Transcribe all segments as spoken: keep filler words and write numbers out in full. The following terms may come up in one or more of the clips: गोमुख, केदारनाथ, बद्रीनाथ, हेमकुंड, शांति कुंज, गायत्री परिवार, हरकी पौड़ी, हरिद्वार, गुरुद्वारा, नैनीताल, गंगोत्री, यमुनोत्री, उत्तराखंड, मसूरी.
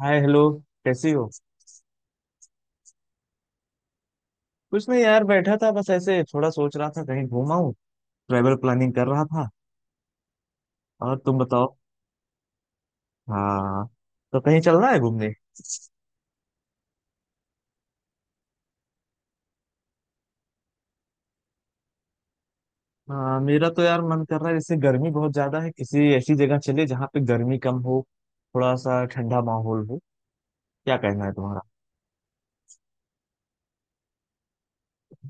हाय, hello. कैसी हो? कुछ नहीं यार, बैठा था, बस ऐसे थोड़ा सोच रहा था कहीं घूमा हूँ। ट्रैवल प्लानिंग कर रहा था। और तुम बताओ। हाँ। तो कहीं चलना है घूमने? हाँ, मेरा तो यार मन कर रहा है, जैसे गर्मी बहुत ज्यादा है, किसी ऐसी जगह चले जहाँ पे गर्मी कम हो, थोड़ा सा ठंडा माहौल हो। क्या कहना है तुम्हारा?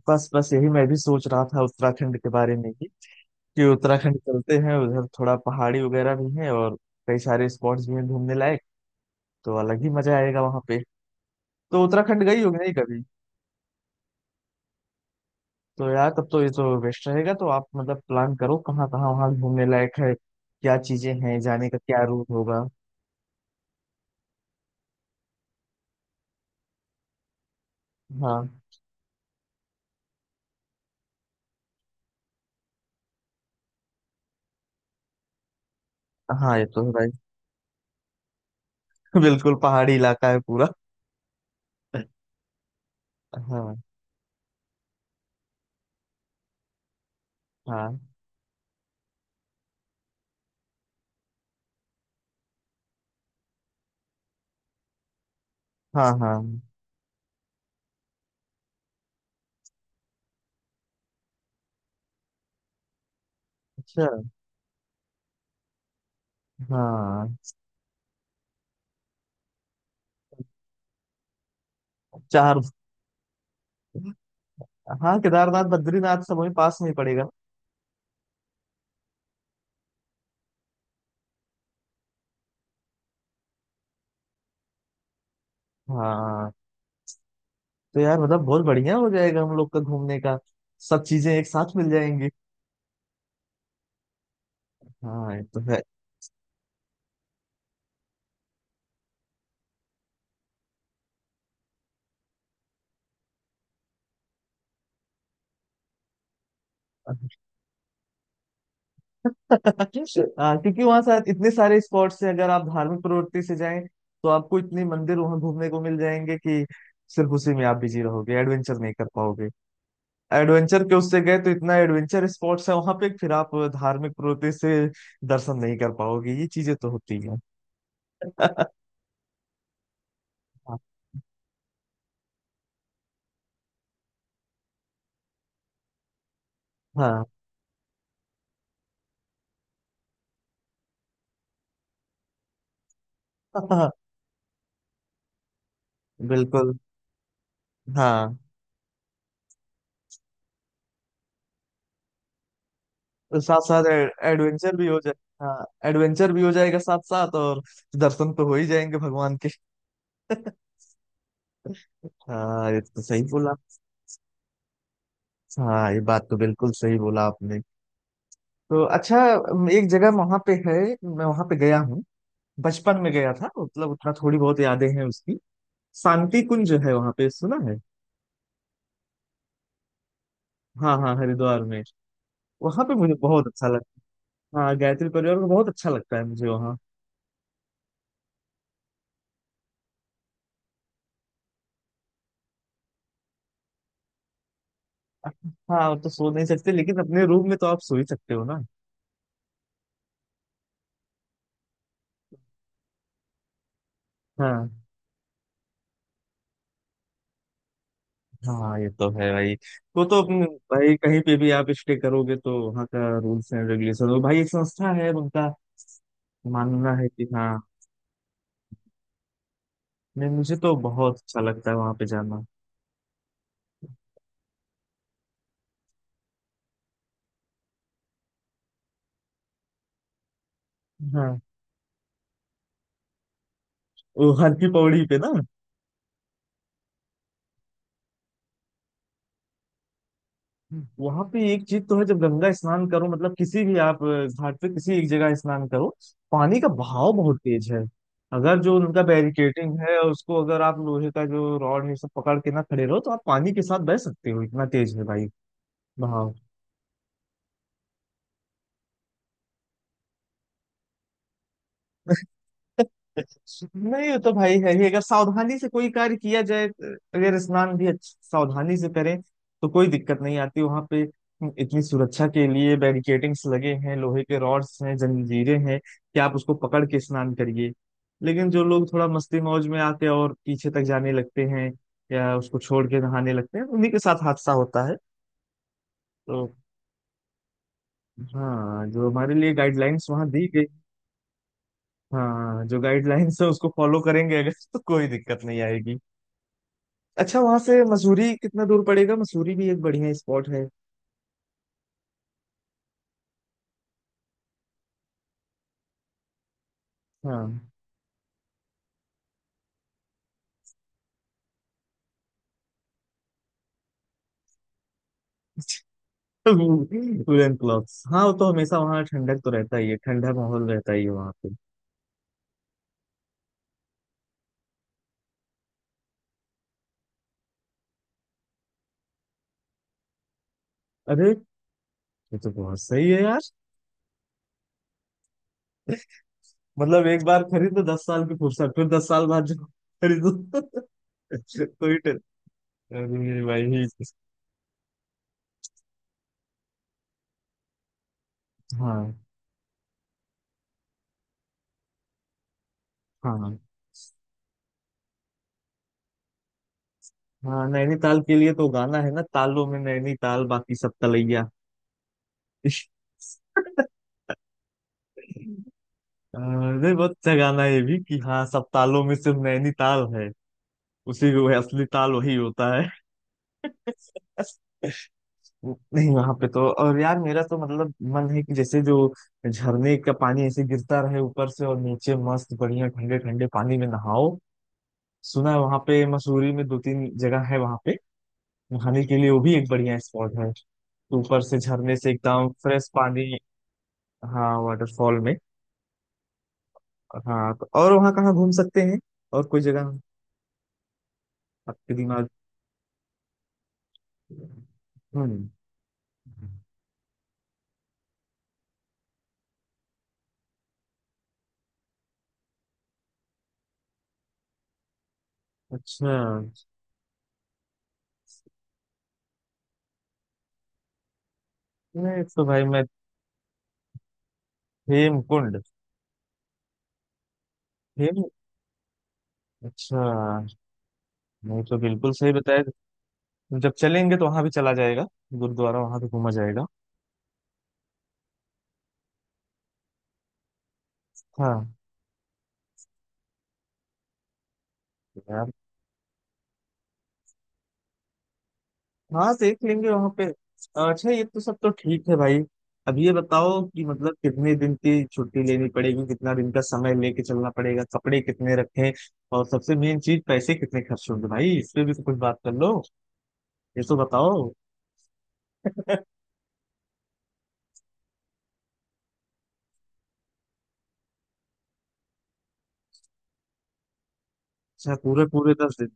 बस बस, यही मैं भी सोच रहा था, उत्तराखंड के बारे में ही। कि उत्तराखंड चलते हैं, उधर थोड़ा पहाड़ी वगैरह भी है और कई सारे स्पॉट्स भी हैं घूमने लायक। तो अलग ही मजा आएगा वहां पे। तो उत्तराखंड गई हो नहीं कभी? तो यार तब तो ये तो बेस्ट रहेगा। तो आप मतलब प्लान करो कहाँ कहाँ वहाँ घूमने लायक है, क्या चीजें हैं, जाने का क्या रूट होगा। हाँ हाँ, ये तो है भाई। बिल्कुल, पहाड़ी इलाका है पूरा। हाँ। हाँ। हाँ। हाँ। अच्छा। हाँ। चार? हाँ, केदारनाथ बद्रीनाथ सब वहीं पास में ही पड़ेगा। हाँ, तो यार मतलब बहुत बढ़िया हो जाएगा हम लोग का घूमने का। सब चीजें एक साथ मिल जाएंगी। हाँ, ये तो है। आ, क्योंकि वहां साथ इतने सारे स्पॉट्स हैं, अगर आप धार्मिक प्रवृत्ति से जाएं तो आपको इतने मंदिर वहां घूमने को मिल जाएंगे कि सिर्फ उसी में आप बिजी रहोगे, एडवेंचर नहीं कर पाओगे। एडवेंचर के उससे गए तो इतना एडवेंचर स्पॉट्स है वहां पे, फिर आप धार्मिक प्रवृत्ति से दर्शन नहीं कर पाओगे। ये चीजें तो होती हैं। हाँ। हाँ। बिल्कुल। हाँ, तो साथ साथ एडवेंचर भी हो जाए। हाँ, एडवेंचर भी हो जाएगा साथ साथ, और दर्शन तो हो ही जाएंगे भगवान के। हाँ, ये तो सही बोला। हाँ, ये बात तो बिल्कुल सही बोला आपने। तो अच्छा, अम, एक जगह वहां पे है। मैं वहां पे गया हूँ, बचपन में गया था, मतलब उतना थोड़ी बहुत यादें हैं उसकी। शांति कुंज है वहां पे, सुना है? हाँ हाँ, हरिद्वार में। वहां पे मुझे बहुत अच्छा लगता। हाँ, गायत्री परिवार को बहुत अच्छा लगता है मुझे वहाँ। हाँ वो तो सो नहीं सकते, लेकिन अपने रूम में तो आप सो ही सकते हो ना। हाँ हाँ, ये तो है भाई। वो तो अपने-। भाई कहीं पे भी आप स्टे करोगे तो वहाँ का रूल्स एंड रेगुलेशन, भाई एक संस्था है, उनका मानना है कि हाँ। नहीं, मुझे तो बहुत अच्छा लगता है वहां पे जाना। हाँ, वो हरकी पौड़ी पे ना? वहां पे एक चीज तो है, जब गंगा स्नान करो मतलब किसी भी आप अ, घाट पे किसी एक जगह स्नान करो, पानी का बहाव बहुत तेज है। अगर जो उनका बैरिकेडिंग है उसको, अगर आप लोहे का जो रॉड है सब पकड़ के ना खड़े रहो, तो आप पानी के साथ बह सकते हो, इतना तेज है भाई बहाव। नहीं, वो तो भाई है ही, अगर सावधानी से कोई कार्य किया जाए, अगर स्नान भी अच्छ- सावधानी से करें तो कोई दिक्कत नहीं आती वहां पे। इतनी सुरक्षा के लिए बैरिकेडिंग्स लगे हैं, लोहे के रॉड्स हैं, जंजीरें हैं कि आप उसको पकड़ के स्नान करिए। लेकिन जो लोग थोड़ा मस्ती मौज में आते और पीछे तक जाने लगते हैं या उसको छोड़ के नहाने लगते हैं, उन्हीं के साथ हादसा होता है। तो हाँ, जो हमारे लिए गाइडलाइंस वहां दी गई, हाँ जो गाइडलाइंस है उसको फॉलो करेंगे अगर, तो कोई दिक्कत नहीं आएगी। अच्छा, वहां से मसूरी कितना दूर पड़ेगा? मसूरी भी एक बढ़िया स्पॉट है। हाँ। वुलन क्लॉथ्स, हाँ वो तो हमेशा वहाँ ठंडक तो रहता ही है, ठंडा माहौल रहता ही है वहां पे। अरे, ये तो बहुत सही है यार। मतलब एक बार खरीदो, दस साल की फुर्सत, फिर दस साल बाद जाओ खरीदो। तो ही टे-। अरे भाई। हाँ हाँ हाँ। नैनीताल के लिए तो गाना है ना, तालों में नैनीताल बाकी सब तलैया। अरे बहुत अच्छा गाना है ये भी, कि हाँ सब तालों में सिर्फ नैनीताल है, उसी वो असली ताल वही होता है। नहीं, वहां पे तो और यार मेरा तो मतलब मन है कि जैसे जो झरने का पानी ऐसे गिरता रहे ऊपर से, और नीचे मस्त बढ़िया ठंडे ठंडे पानी में नहाओ। सुना है वहां पे मसूरी में दो तीन जगह है वहां पे नहाने के लिए, वो भी एक बढ़िया स्पॉट है। ऊपर से झरने से एकदम फ्रेश पानी। हाँ, वाटरफॉल में। और हाँ, तो और वहाँ कहाँ घूम सकते हैं, और कोई जगह आपके दिमाग? हम्म। अच्छा। मैं तो भाई, मैं। हेमकुंड। हेम। अच्छा। नहीं तो बिल्कुल सही बताया। जब चलेंगे तो वहां भी चला जाएगा, गुरुद्वारा वहां भी घूमा जाएगा। हाँ यार। हाँ, देख लेंगे वहां पे। अच्छा, ये तो सब तो ठीक है भाई। अब ये बताओ कि मतलब कितने दिन की छुट्टी लेनी पड़ेगी, कितना दिन का समय लेके चलना पड़ेगा, कपड़े कितने रखें, और सबसे मेन चीज पैसे कितने खर्च होंगे भाई, इस पे भी तो कुछ बात कर लो, ये तो बताओ। अच्छा, पूरे पूरे दस दिन?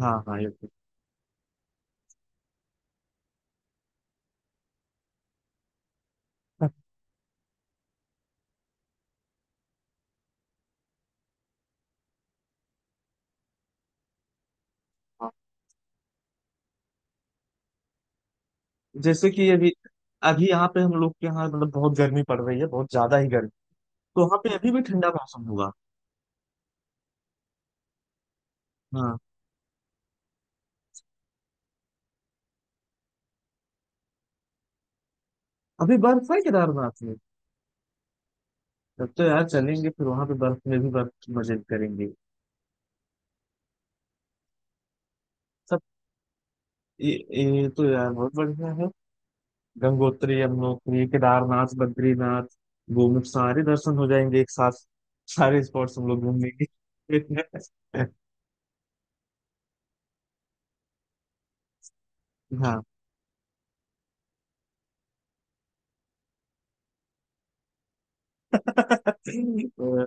हाँ हाँ, ये तो। हाँ। जैसे कि अभी, अभी यहाँ पे हम लोग के यहाँ मतलब बहुत गर्मी पड़ रही है, बहुत ज्यादा ही गर्मी। तो वहाँ पे अभी भी ठंडा मौसम होगा। हाँ, अभी बर्फ है केदारनाथ में? तब तो यार चलेंगे फिर, वहां पे बर्फ में भी बर्फ की मजे करेंगे। सब ये, ये तो यार बहुत बढ़िया है। गंगोत्री, यमुनोत्री, केदारनाथ, बद्रीनाथ, गोमुख, सारे दर्शन हो जाएंगे एक साथ। सारे स्पॉट्स हम लोग घूम लेंगे। हाँ। तो,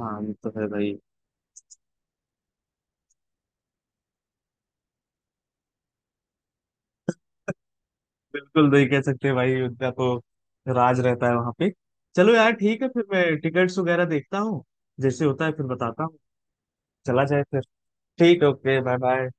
हाँ ये तो है भाई। बिल्कुल नहीं कह सकते भाई, उनका तो राज रहता है वहां पे। चलो यार ठीक है फिर, मैं टिकट्स वगैरह देखता हूँ, जैसे होता है फिर बताता हूँ। चला जाए फिर। ठीक, ओके, बाय बाय।